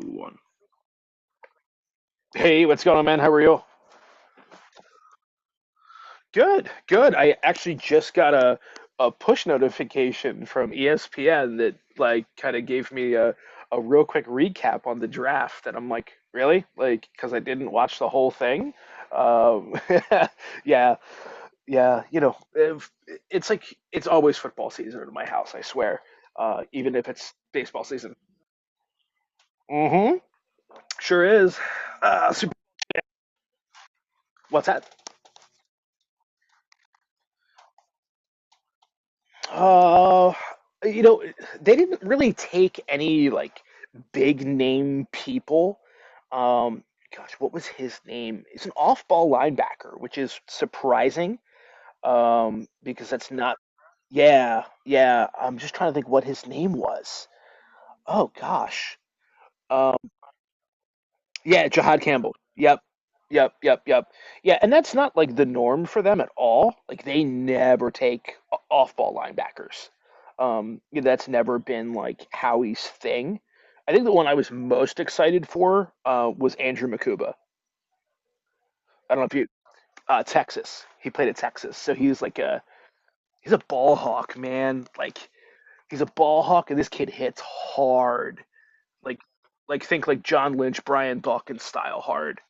One. Hey, what's going on, man? How are you? Good, good. I actually just got a push notification from ESPN that like kind of gave me a real quick recap on the draft, and I'm like, really? Like, because I didn't watch the whole thing. Um, yeah, yeah. You know, if, it's like it's always football season in my house. I swear, even if it's baseball season. Mm-hmm. Sure is. Uh, Super- what's that? Uh, you know, they didn't really take any like big name people. Um, gosh, what was his name? It's an off-ball linebacker, which is surprising. Because that's not. Yeah, yeah. I'm just trying to think what his name was. Oh gosh. uh, yeah, Jahad Campbell. Yep. Yep, yep, yep. Yeah, and that's not like the norm for them at all. Like they never take off-ball linebackers. Yeah, that's never been like Howie's thing. I think the one I was most excited for was Andrew Makuba. I don't know if you Texas. He played at Texas, so he was like a he's a ball hawk, man. Like he's a ball hawk, and this kid hits hard. Like like think like John Lynch, Brian Dawkins style hard.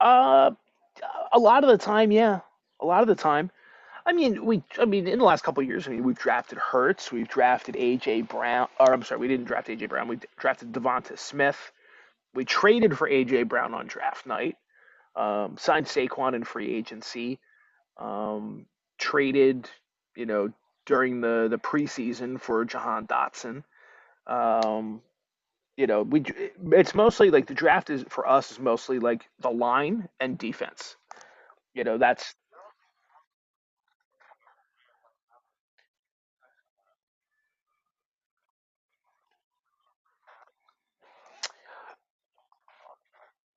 Uh. A lot of the time, yeah. A lot of the time. I mean, we. I mean, in the last couple of years, I mean, we've drafted Hertz, we've drafted AJ Brown, or I'm sorry, we didn't draft AJ Brown. We drafted Devonta Smith. We traded for AJ Brown on draft night. Signed Saquon in free agency. Um, traded, you know, during the preseason for Jahan Dotson. Um, you know, we. It's mostly like the draft is for us is mostly like the line and defense. You know, that's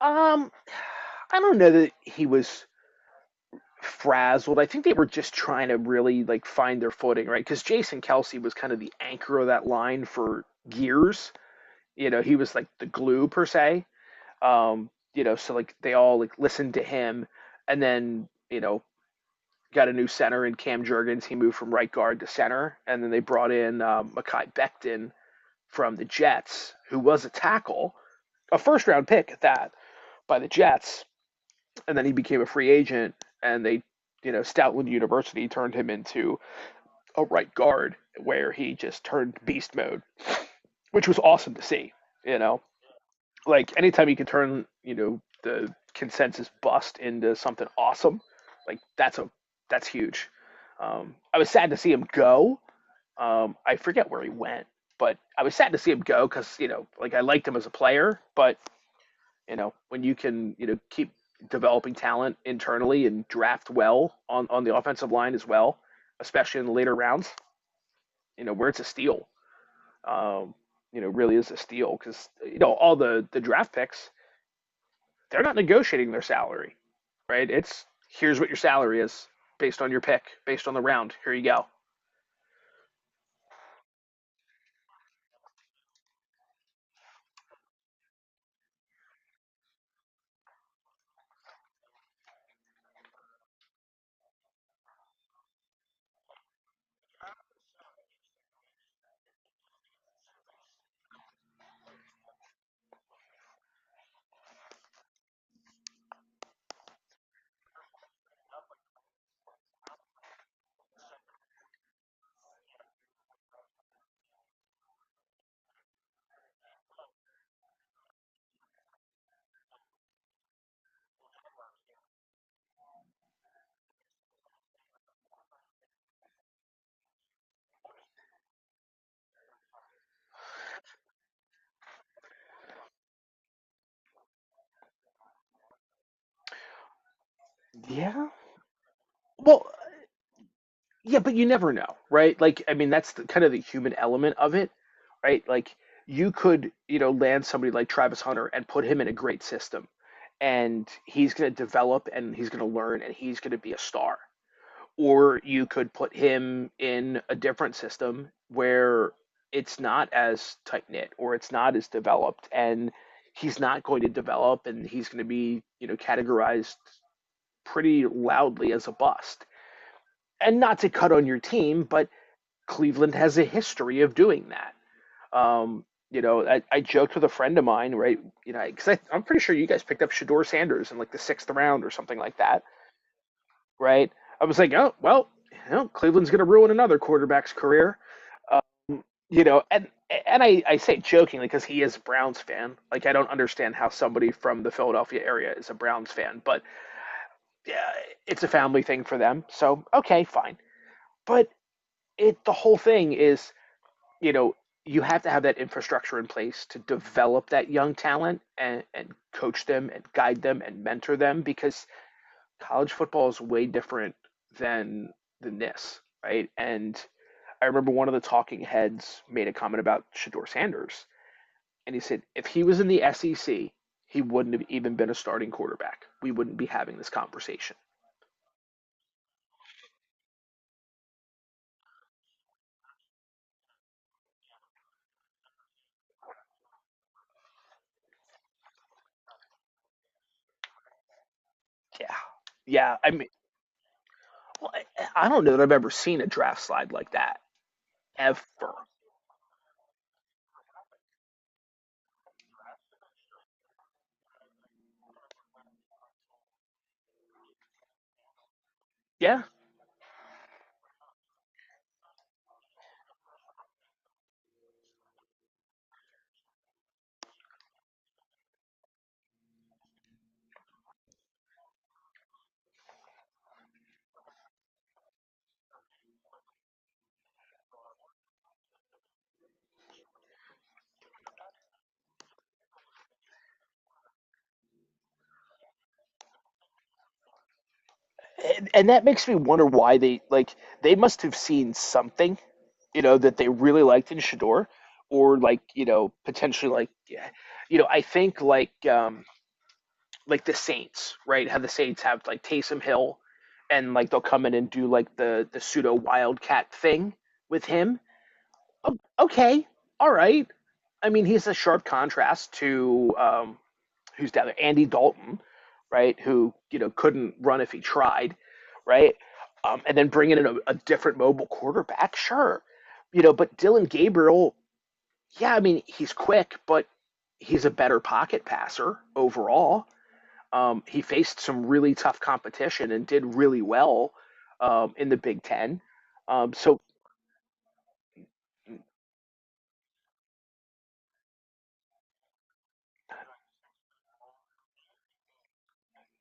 um I don't know that he was frazzled. I think they were just trying to really like find their footing, right? Because Jason Kelsey was kind of the anchor of that line for years. You know, he was like the glue per se. You know, so like they all like listened to him, and then you know got a new center in Cam Jurgens. He moved from right guard to center, and then they brought in Makai Becton from the Jets, who was a tackle, a first round pick at that by the Jets and then he became a free agent, and they, you know, Stoutland University turned him into a right guard where he just turned beast mode, which was awesome to see. You know, like anytime you can turn, you know, the consensus bust into something awesome, like that's huge. I was sad to see him go. I forget where he went, but I was sad to see him go because you know, like I liked him as a player, but you know, when you can, you know, keep developing talent internally and draft well on the offensive line as well, especially in the later rounds, you know, where it's a steal. Um, you know, really is a steal because, you know, all the draft picks, they're not negotiating their salary, right? It's here's what your salary is based on your pick, based on the round. Here you go. Yeah. Well, yeah, but you never know, right? Like, I mean, that's the, kind of the human element of it, right? Like, you could, you know, land somebody like Travis Hunter and put him in a great system, and he's going to develop and he's going to learn and he's going to be a star. Or you could put him in a different system where it's not as tight knit or it's not as developed, and he's not going to develop and he's going to be, you know, categorized pretty loudly as a bust. And not to cut on your team, but Cleveland has a history of doing that. Um, you know, I joked with a friend of mine, right? You know, because I'm pretty sure you guys picked up Shador Sanders in like the sixth round or something like that, right? I was like, oh, well, you know, Cleveland's going to ruin another quarterback's career, you know, and and I say jokingly because he is a Browns fan. Like I don't understand how somebody from the Philadelphia area is a Browns fan, but yeah, it's a family thing for them. So okay, fine. But it the whole thing is you know, you have to have that infrastructure in place to develop that young talent and coach them and guide them and mentor them because college football is way different than than this, right? And I remember one of the talking heads made a comment about Shador Sanders, and he said if he was in the SEC, he wouldn't have even been a starting quarterback. We wouldn't be having this conversation. Yeah, yeah. Well, I don't know that I've ever seen a draft slide like that ever. Yeah, and that makes me wonder why they like they must have seen something you know that they really liked in Shador, or like you know potentially like yeah, you know I think like like the Saints right how the Saints have like Taysom Hill, and like they'll come in and do like the pseudo wildcat thing with him. Okay, all right. I mean he's a sharp contrast to who's down there, Andy Dalton, right, who you know couldn't run if he tried, right, and then bringing in a different mobile quarterback, sure, you know, but Dylan Gabriel, yeah, I mean he's quick, but he's a better pocket passer overall. He faced some really tough competition and did really well in the Big Ten. So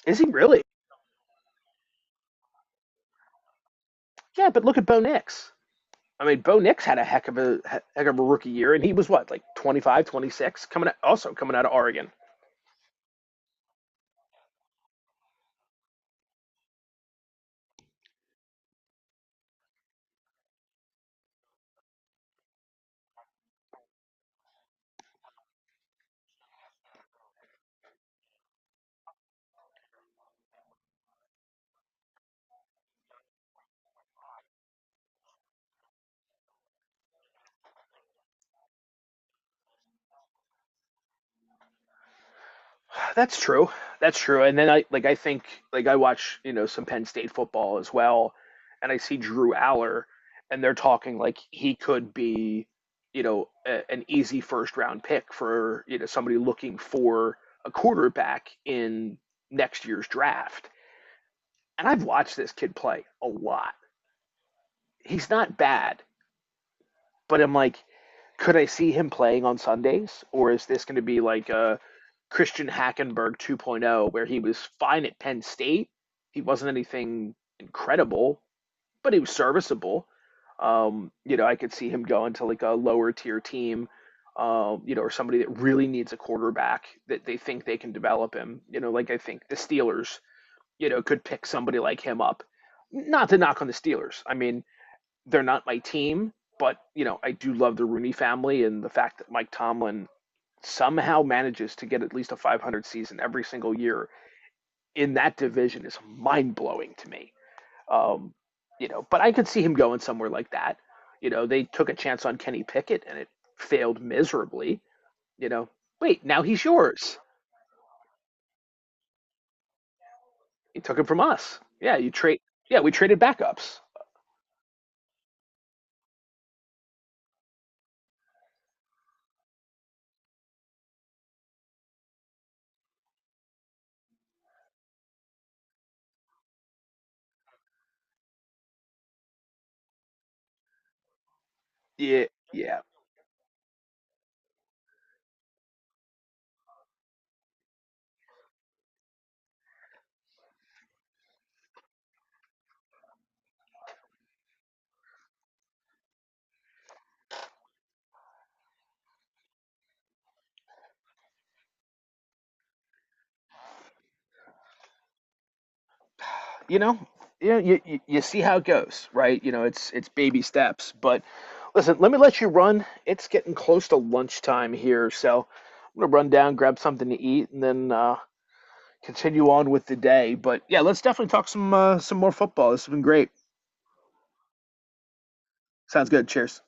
is he really? Yeah, but look at Bo Nix. I mean, Bo Nix had a heck of a rookie year, and he was what like 25, 26, coming out, also coming out of Oregon. That's true. That's true. And then I think I watch you know some Penn State football as well, and I see Drew Aller, and they're talking like he could be, you know, an easy first round pick for you know somebody looking for a quarterback in next year's draft. And I've watched this kid play a lot. He's not bad, but I'm like could I see him playing on Sundays, or is this going to be like a Christian Hackenberg 2.0, where he was fine at Penn State? He wasn't anything incredible, but he was serviceable. You know, I could see him going to like a lower tier team, you know, or somebody that really needs a quarterback that they think they can develop him. You know, like I think the Steelers, you know, could pick somebody like him up. Not to knock on the Steelers. I mean, they're not my team, but you know, I do love the Rooney family and the fact that Mike Tomlin somehow manages to get at least a 500 season every single year in that division is mind blowing to me. Um, you know, but I could see him going somewhere like that. You know, they took a chance on Kenny Pickett and it failed miserably. You know, wait, now he's yours. He took him from us. Yeah, you trade. Yeah, we traded backups. Yeah, yeah. You know, you see how it goes, right? You know, it's baby steps. But listen, let me let you run. It's getting close to lunchtime here, so I'm gonna run down, grab something to eat, and then continue on with the day. But yeah, let's definitely talk some more football. This has been great. Sounds good. Cheers.